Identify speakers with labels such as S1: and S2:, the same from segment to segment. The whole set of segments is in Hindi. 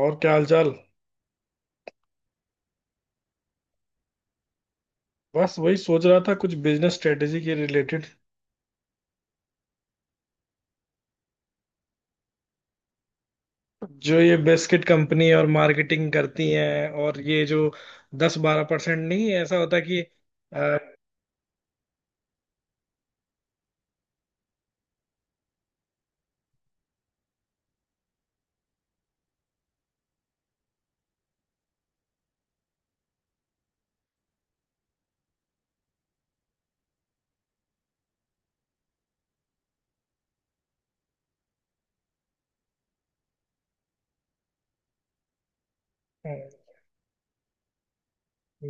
S1: और क्या हालचाल? बस वही सोच रहा था कुछ बिजनेस स्ट्रेटेजी के रिलेटेड। जो ये बिस्किट कंपनी और मार्केटिंग करती हैं और ये जो 10-12% नहीं ऐसा होता है कि अ,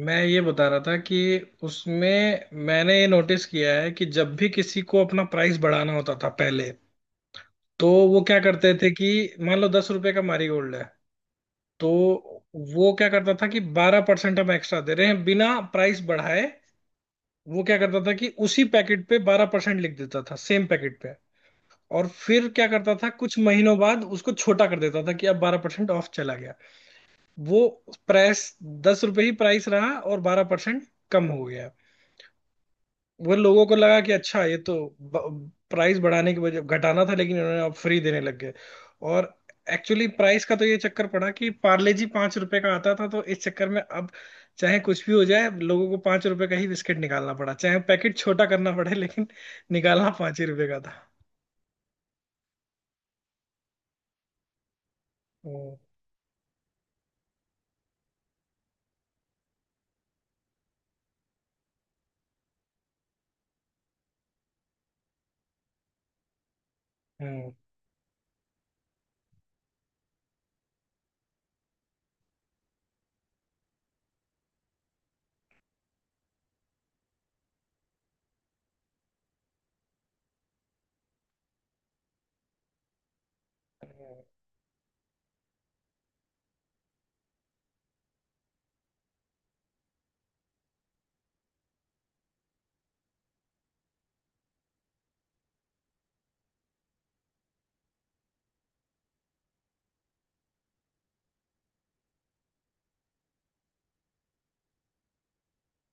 S1: मैं ये बता रहा था कि उसमें मैंने ये नोटिस किया है कि जब भी किसी को अपना प्राइस बढ़ाना होता था पहले। तो वो क्या करते थे कि मान लो 10 रुपए का मैरीगोल्ड है। तो वो क्या करता था कि 12% हम एक्स्ट्रा दे रहे हैं बिना प्राइस बढ़ाए। वो क्या करता था कि उसी पैकेट पे 12% लिख देता था सेम पैकेट पे। और फिर क्या करता था कुछ महीनों बाद उसको छोटा कर देता था कि अब 12% ऑफ चला गया। वो प्राइस 10 रुपए ही प्राइस रहा और 12% कम हो गया। वो लोगों को लगा कि अच्छा ये तो प्राइस बढ़ाने की वजह घटाना था लेकिन उन्होंने अब फ्री देने लग गए। और एक्चुअली प्राइस का तो ये चक्कर पड़ा कि पार्ले जी 5 रुपए का आता था तो इस चक्कर में अब चाहे कुछ भी हो जाए लोगों को 5 रुपए का ही बिस्किट निकालना पड़ा चाहे पैकेट छोटा करना पड़े लेकिन निकालना पांच ही रुपए का था। हम्म। हम्म।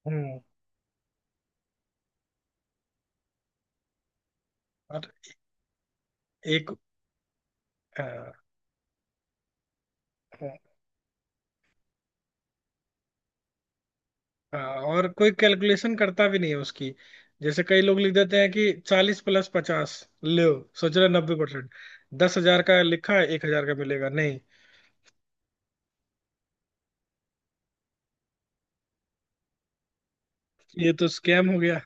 S1: हम्म, हम्म। और एक। हाँ। हाँ। हाँ, और कोई कैलकुलेशन करता भी नहीं है उसकी जैसे कई लोग लिख देते हैं कि 40+50। लो, सोच रहे 90%। 10,000 का लिखा है, 1,000 का मिलेगा नहीं। ये तो स्कैम हो गया।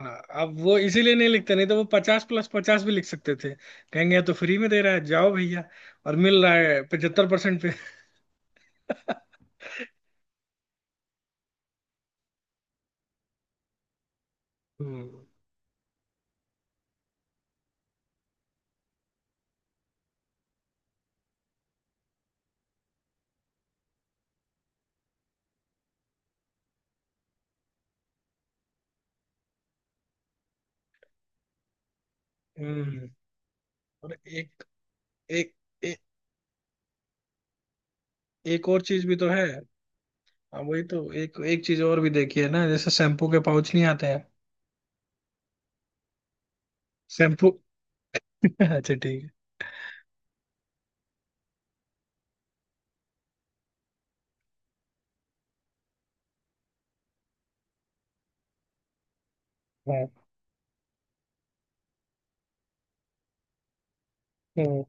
S1: हाँ, अब वो इसीलिए नहीं लिखते नहीं तो वो 50+50 भी लिख सकते थे। कहेंगे ये तो फ्री में दे रहा है, जाओ भैया और मिल रहा है 75% पे। हम्म। हम्म। और एक एक एक एक और चीज भी तो है। हाँ, वही तो, एक एक चीज और भी देखी है ना जैसे शैम्पू के पाउच नहीं आते हैं। शैम्पू अच्छा, ठीक है। है। हम्म।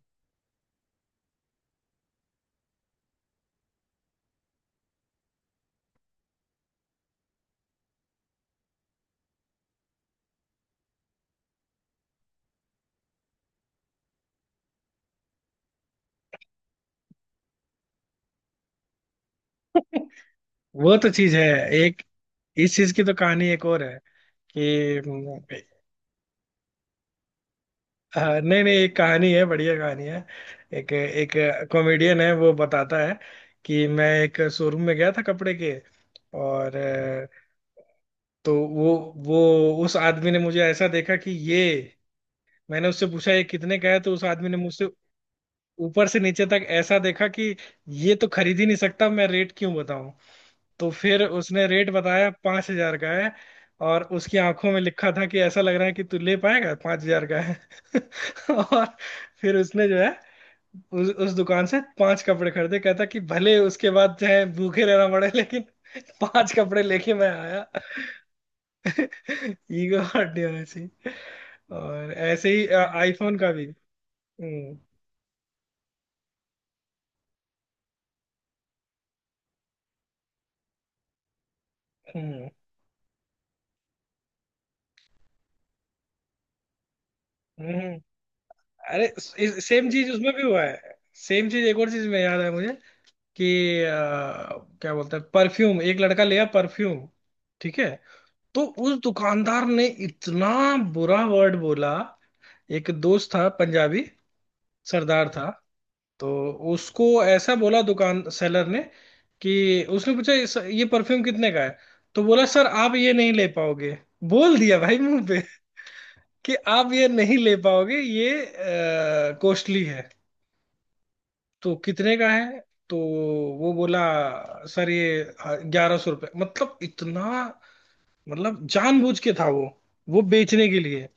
S1: वो तो चीज है। एक इस चीज की तो कहानी एक और है। कि। हम्म। नहीं नहीं, एक कहानी है, बढ़िया कहानी है। एक एक कॉमेडियन है, वो बताता है कि मैं एक शोरूम में गया था कपड़े के और तो वो उस आदमी ने मुझे ऐसा देखा कि ये। मैंने उससे पूछा ये कितने का है, तो उस आदमी ने मुझसे ऊपर से नीचे तक ऐसा देखा कि ये तो खरीद ही नहीं सकता, मैं रेट क्यों बताऊं। तो फिर उसने रेट बताया 5,000 का है। और उसकी आंखों में लिखा था कि ऐसा लग रहा है कि तू ले पाएगा, 5,000 का है। और फिर उसने जो है उस दुकान से पांच कपड़े खरीदे, कहता कि भले उसके बाद चाहे भूखे रहना पड़े लेकिन पांच कपड़े लेके मैं आया। ईगो हर्ट ऐसी। और ऐसे ही आईफोन का भी। हम्म। हम्म। हम्म। अरे, सेम चीज उसमें भी हुआ है। सेम चीज एक और चीज में याद है मुझे कि अ, क्या बोलते हैं, परफ्यूम। एक लड़का लिया परफ्यूम। ठीक है। तो उस दुकानदार ने इतना बुरा वर्ड बोला। एक दोस्त था, पंजाबी, सरदार था। तो उसको ऐसा बोला दुकान सेलर ने, कि उसने पूछा ये परफ्यूम कितने का है?" तो बोला, "सर, आप ये नहीं ले पाओगे।" बोल दिया भाई मुंह पे कि "आप ये नहीं ले पाओगे, ये कॉस्टली है।" "तो कितने का है?" तो वो बोला, "सर, ये 1,100 रुपये", मतलब इतना। मतलब जानबूझ के था वो बेचने के लिए।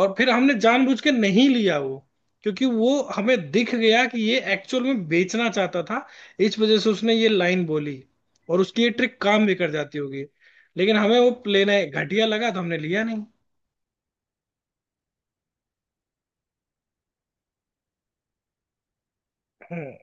S1: और फिर हमने जानबूझ के नहीं लिया वो, क्योंकि वो हमें दिख गया कि ये एक्चुअल में बेचना चाहता था। इस वजह से उसने ये लाइन बोली। और उसकी ये ट्रिक काम भी कर जाती होगी, लेकिन हमें वो लेना घटिया लगा तो हमने लिया नहीं। हम्म।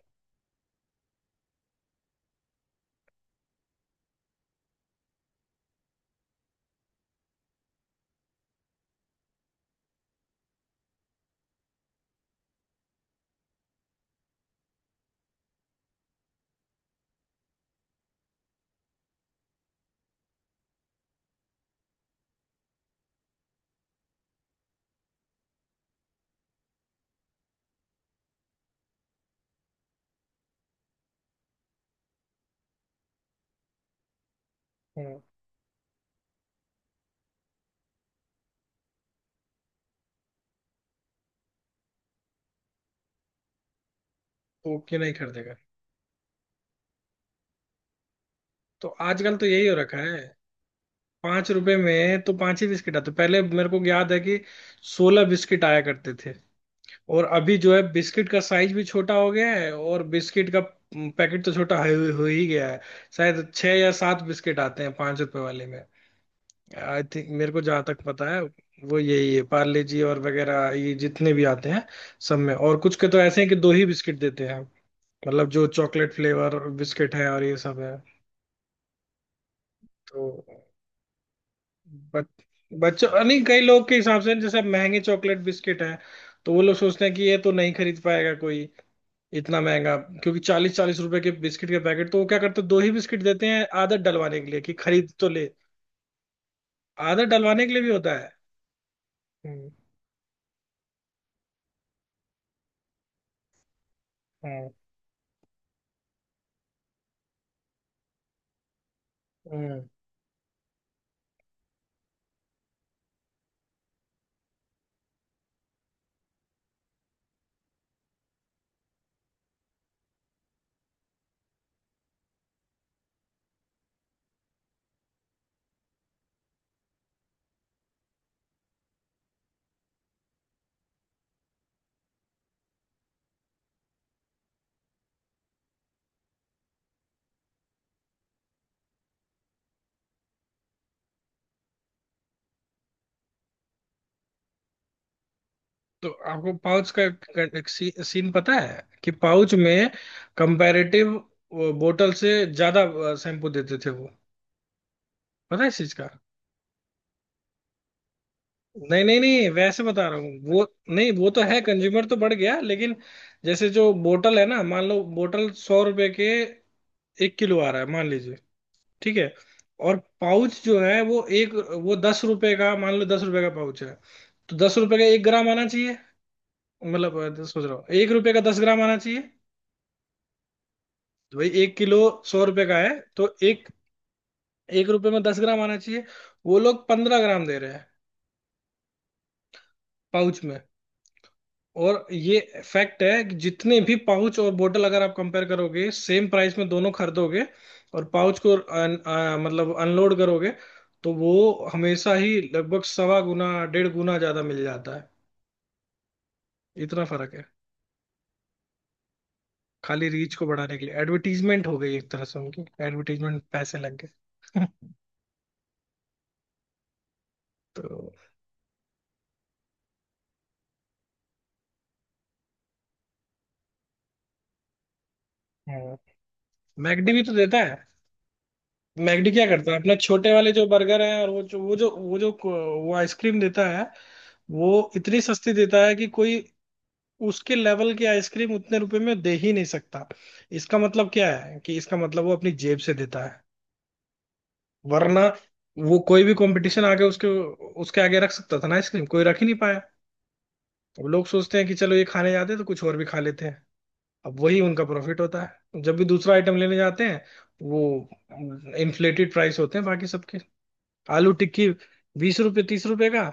S1: हम्म। तो क्यों नहीं खरीदेगा? तो आजकल तो यही हो रखा है। पांच रुपए में तो पांच ही बिस्किट आते, पहले मेरे को याद है कि 16 बिस्किट आया करते थे। और अभी जो है बिस्किट का साइज भी छोटा हो गया है और बिस्किट का पैकेट तो छोटा हो ही गया है। शायद छह या सात बिस्किट आते हैं पांच रुपए वाले में, आई थिंक, मेरे को जहां तक पता है। वो यही है पार्ले जी और वगैरह, ये जितने भी आते हैं सब में, और कुछ के तो ऐसे हैं कि दो ही बिस्किट देते हैं। मतलब जो चॉकलेट फ्लेवर बिस्किट है और ये सब है। तो बच, बच्चों नहीं, कई लोग के हिसाब से, जैसे महंगे चॉकलेट बिस्किट है तो वो लोग सोचते हैं कि ये तो नहीं खरीद पाएगा कोई इतना महंगा। क्योंकि 40-40 रुपए के बिस्किट के पैकेट तो वो क्या करते हैं, दो ही बिस्किट देते हैं आदत डलवाने के लिए, कि खरीद तो ले। आदत डलवाने के लिए भी होता है। हम्म। हम्म। हम्म। तो आपको पाउच का एक सीन पता है कि पाउच में कंपैरेटिव बोतल से ज्यादा शैम्पू देते थे वो। पता है इस चीज का? नहीं नहीं नहीं, वैसे बता रहा हूँ वो। नहीं, वो तो है, कंज्यूमर तो बढ़ गया लेकिन, जैसे जो बोतल है ना, मान लो बोतल 100 रुपए के एक किलो आ रहा है मान लीजिए। ठीक है। और पाउच जो है वो दस रुपए का, मान लो दस रुपए का पाउच है। तो 10 रुपए का एक ग्राम आना चाहिए। मतलब सोच रहा हूँ, एक रुपए का 10 ग्राम आना चाहिए। तो भाई एक किलो 100 रुपए का है, तो एक एक रुपए में 10 ग्राम आना चाहिए। वो लोग 15 ग्राम दे रहे हैं पाउच में। और ये फैक्ट है कि जितने भी पाउच और बोतल अगर आप कंपेयर करोगे, सेम प्राइस में दोनों खरीदोगे और पाउच को मतलब अनलोड करोगे, तो वो हमेशा ही लगभग सवा गुना डेढ़ गुना ज्यादा मिल जाता है। इतना फर्क है। खाली रीच को बढ़ाने के लिए, एडवर्टीजमेंट हो गई एक तरह से, उनकी एडवर्टीजमेंट पैसे लग गए। तो हाँ। मैकडी भी तो देता है। मैकडी क्या करता है, अपने छोटे वाले जो बर्गर हैं और वो आइसक्रीम देता है, वो इतनी सस्ती देता है कि कोई उसके लेवल की आइसक्रीम उतने रुपए में दे ही नहीं सकता। इसका मतलब क्या है, कि इसका मतलब वो अपनी जेब से देता है, वरना वो कोई भी कंपटीशन आगे उसके उसके आगे रख सकता था ना आइसक्रीम, कोई रख ही नहीं पाया। अब लोग सोचते हैं कि चलो ये खाने जाते हैं तो कुछ और भी खा लेते हैं। अब वही उनका प्रॉफिट होता है, जब भी दूसरा आइटम लेने जाते हैं वो इन्फ्लेटेड प्राइस होते हैं बाकी सबके। आलू टिक्की 20 रुपए, 30 रुपए का,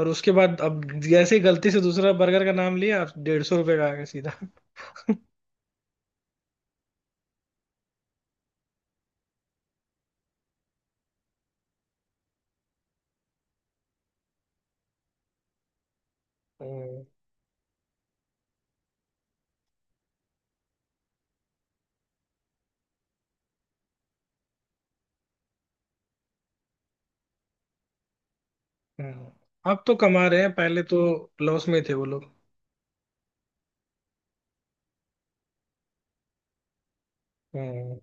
S1: और उसके बाद अब जैसे ही गलती से दूसरा बर्गर का नाम लिया 150 रुपए का आ गया सीधा। हम्म, अब तो कमा रहे हैं, पहले तो लॉस में थे वो लोग। हम्म।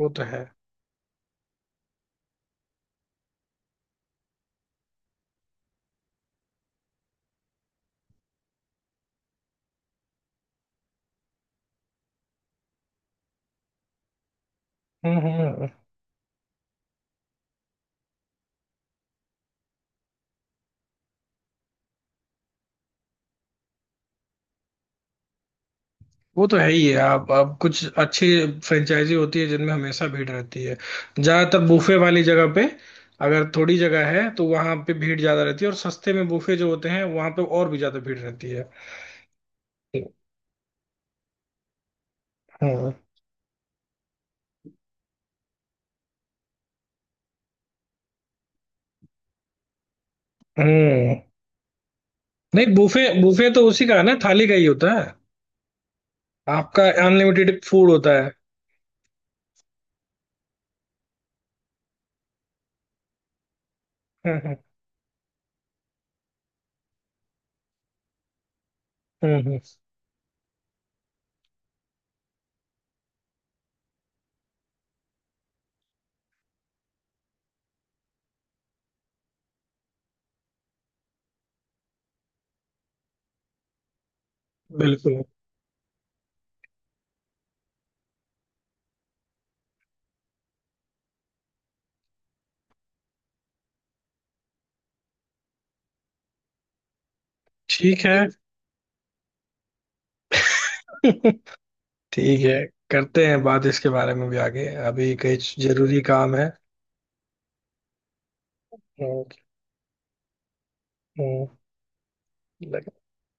S1: वो तो है। हम्म। हम्म। वो तो है ही, है आप, अब कुछ अच्छी फ्रेंचाइजी होती है जिनमें हमेशा भीड़ रहती है, ज्यादातर बूफे वाली जगह पे। अगर थोड़ी जगह है तो वहां पे भीड़ ज्यादा रहती है, और सस्ते में बूफे जो होते हैं वहां पे और भी ज्यादा भीड़ रहती है। हम्म। हम्म। नहीं, बूफे बूफे तो उसी का है ना, थाली का ही होता है, आपका अनलिमिटेड फूड होता है। हम्म। हम्म। हम्म। बिल्कुल। ठीक है। ठीक है। करते हैं बात इसके बारे में भी आगे, अभी कुछ जरूरी काम है। हम्म, हम्म।